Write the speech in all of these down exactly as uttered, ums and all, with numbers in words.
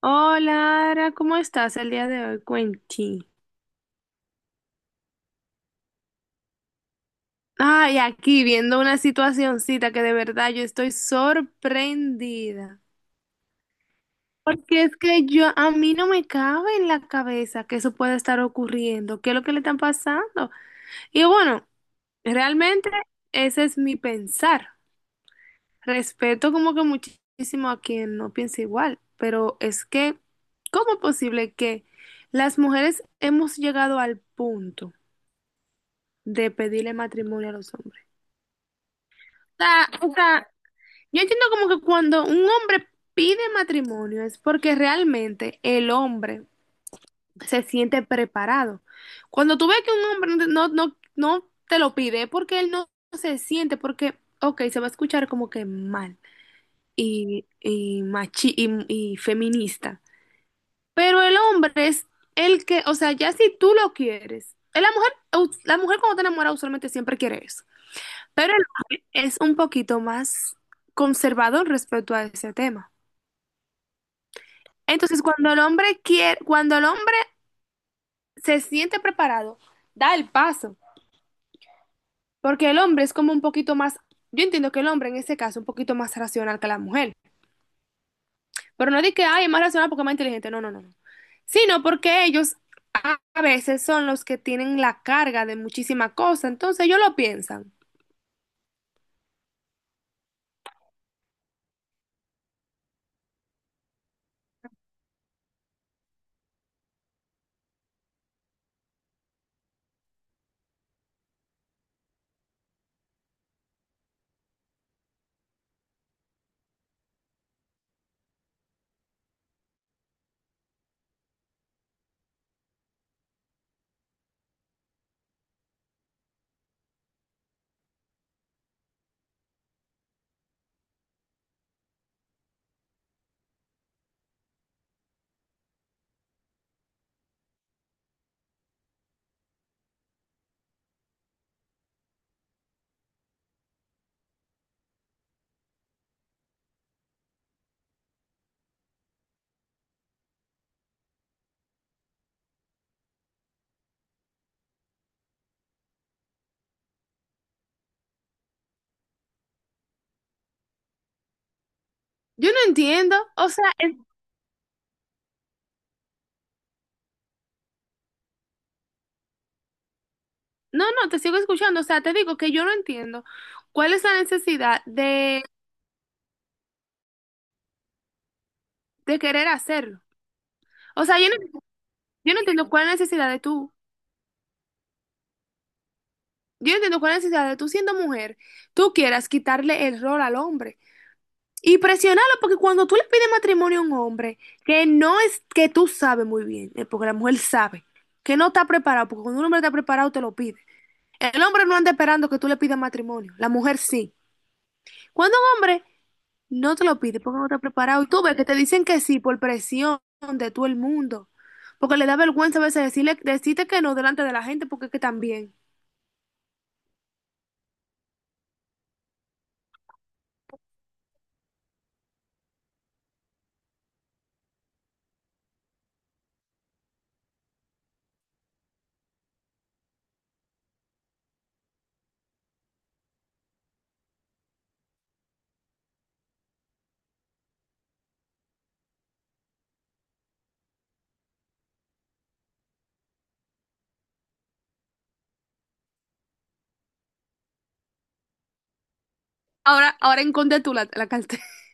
Hola, Ara, ¿cómo estás el día de hoy? Cuenti. Ay, aquí viendo una situacioncita que de verdad yo estoy sorprendida. Porque es que yo, a mí no me cabe en la cabeza que eso pueda estar ocurriendo. ¿Qué es lo que le están pasando? Y bueno, realmente ese es mi pensar. Respeto como que muchísimo a quien no piensa igual, pero es que, ¿cómo es posible que las mujeres hemos llegado al punto de pedirle matrimonio a los hombres? O sea, o sea, yo entiendo como que cuando un hombre pide matrimonio es porque realmente el hombre se siente preparado. Cuando tú ves que un hombre no, no, no, no te lo pide es porque él no se siente, porque, ok, se va a escuchar como que mal y, y, machi y, y feminista. Pero el hombre es el que, o sea, ya si tú lo quieres, es la mujer, la mujer cuando te enamora usualmente siempre quiere eso. Pero el hombre es un poquito más conservador respecto a ese tema. Entonces, cuando el hombre quiere, cuando el hombre se siente preparado, da el paso, porque el hombre es como un poquito más, yo entiendo que el hombre en ese caso es un poquito más racional que la mujer, pero no di que, ay, es más racional porque es más inteligente, no, no, no, no. Sino porque ellos a a veces son los que tienen la carga de muchísima cosa, entonces ellos lo piensan. Yo no entiendo, o sea, es... No, no, te sigo escuchando. O sea, te digo que yo no entiendo cuál es la necesidad de, de querer hacerlo. O sea, yo no, yo no entiendo cuál es la necesidad de tú. Yo no entiendo cuál es la necesidad de tú siendo mujer, tú quieras quitarle el rol al hombre y presionarlo, porque cuando tú le pides matrimonio a un hombre, que no es que tú sabes muy bien, eh, porque la mujer sabe que no está preparado, porque cuando un hombre está preparado te lo pide. El hombre no anda esperando que tú le pidas matrimonio, la mujer sí. Cuando un hombre no te lo pide porque no te has preparado. Y tú ves que te dicen que sí por presión de todo el mundo. Porque le da vergüenza a veces decirle, decirte que no delante de la gente porque es que también... Ahora, ahora encontré tú la, la cartera.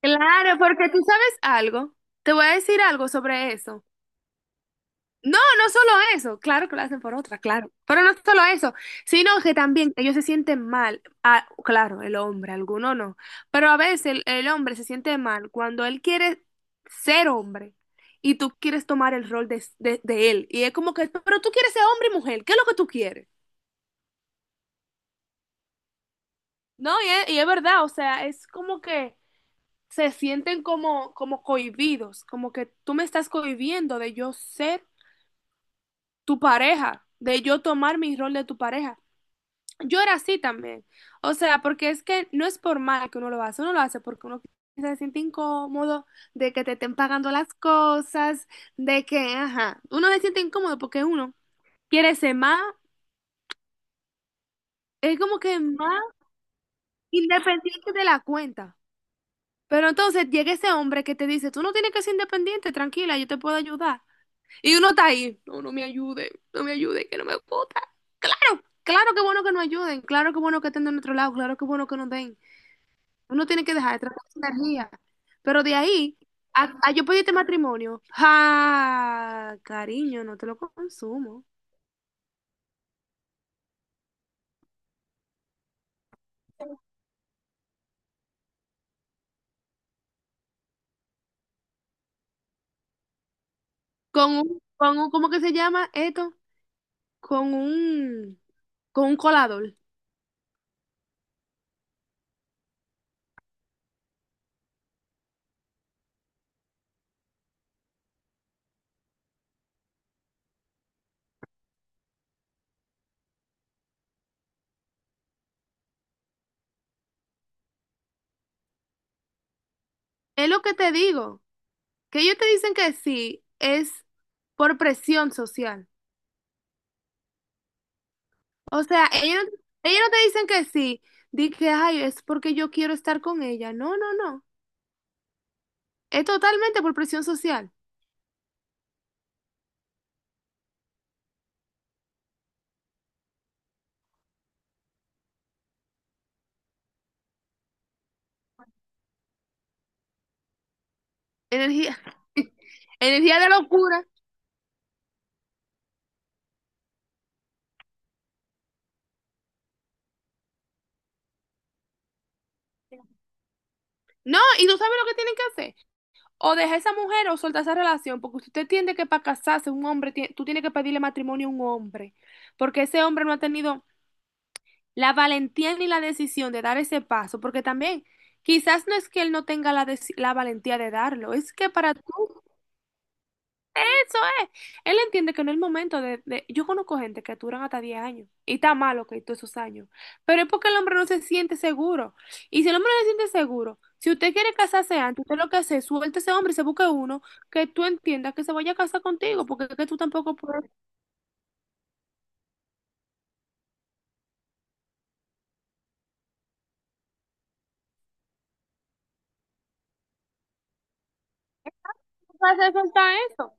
Claro, porque tú sabes algo. Te voy a decir algo sobre eso. No, no solo eso, claro que lo hacen por otra, claro, pero no solo eso, sino que también ellos se sienten mal, ah, claro, el hombre, alguno no, pero a veces el, el hombre se siente mal cuando él quiere ser hombre y tú quieres tomar el rol de, de- de él, y es como que, pero tú quieres ser hombre y mujer, ¿qué es lo que tú quieres? No, y es, y es verdad, o sea, es como que se sienten como, como cohibidos, como que tú me estás cohibiendo de yo ser tu pareja, de yo tomar mi rol de tu pareja. Yo era así también. O sea, porque es que no es por mal que uno lo hace, uno lo hace porque uno se siente incómodo de que te estén pagando las cosas, de que, ajá, uno se siente incómodo porque uno quiere ser más, es como que más independiente de la cuenta. Pero entonces llega ese hombre que te dice, tú no tienes que ser independiente, tranquila, yo te puedo ayudar. Y uno está ahí, no, no me ayude, no me ayude, que no me gusta. Claro, claro que bueno que nos ayuden, claro que bueno que estén de nuestro lado, claro que bueno que nos den. Uno tiene que dejar de tratar esa energía. Pero de ahí, a, a yo pedirte matrimonio. ¡Ja! Cariño, no te lo consumo. Con un, con un, ¿cómo que se llama esto? Con un, con un colador. Es lo que te digo. Que ellos te dicen que sí, es por presión social. O sea, ellos, no... ellos no te dicen que sí. Di que, ay, es porque yo quiero estar con ella. No, no, no. Es totalmente por presión social. Energía, energía de locura. No, y tú sabes lo que tienen que hacer. O deja a esa mujer o suelta esa relación, porque usted entiende que para casarse un hombre, tie- tú tienes que pedirle matrimonio a un hombre, porque ese hombre no ha tenido la valentía ni la decisión de dar ese paso, porque también quizás no es que él no tenga la, deci- la valentía de darlo, es que para... Eso es. Él entiende que en el momento de, de... Yo conozco gente que duran hasta diez años y está malo que todos esos años. Pero es porque el hombre no se siente seguro. Y si el hombre no se siente seguro, si usted quiere casarse antes, usted lo que hace es suelte a ese hombre y se busque uno que tú entiendas que se vaya a casar contigo, porque es que tú tampoco puedes hacer soltar eso.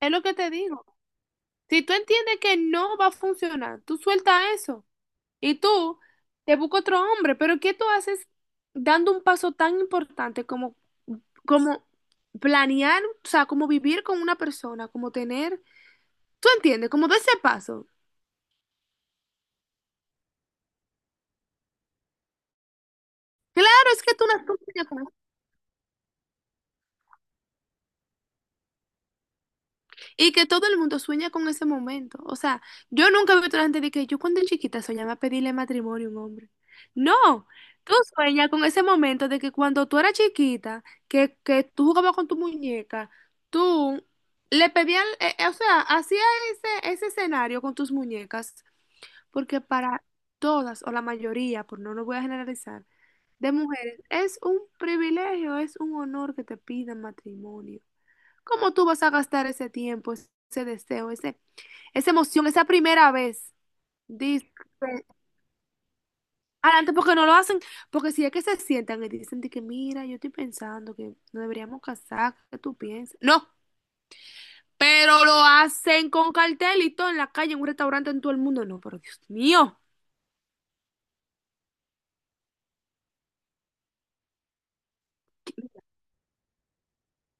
Es lo que te digo. Si tú entiendes que no va a funcionar, tú suelta eso y tú te buscas otro hombre. Pero ¿qué tú haces dando un paso tan importante como como planear, o sea, como vivir con una persona, como tener, tú entiendes, como de ese paso. Claro, es que tú, no... tú sueñas con eso. Y que todo el mundo sueña con ese momento. O sea, yo nunca he visto a la gente de que yo cuando chiquita soñaba pedirle matrimonio a un hombre. No, tú sueñas con ese momento de que cuando tú eras chiquita, que, que tú jugabas con tu muñeca, tú le pedías, eh, eh, o sea, hacías ese, ese escenario con tus muñecas. Porque para todas o la mayoría, por no lo voy a generalizar, de mujeres es un privilegio, es un honor que te pidan matrimonio. ¿Cómo tú vas a gastar ese tiempo, ese deseo, ese, esa emoción, esa primera vez? Dice, adelante porque no lo hacen, porque si es que se sientan y dicen de que mira, yo estoy pensando que no deberíamos casar, ¿qué tú piensas? No, pero lo hacen con cartelito en la calle, en un restaurante, en todo el mundo. No, pero Dios mío.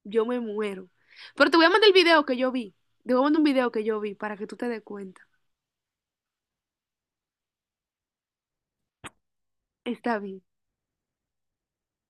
Yo me muero. Pero te voy a mandar el video que yo vi. Te voy a mandar un video que yo vi para que tú te des cuenta. Está bien.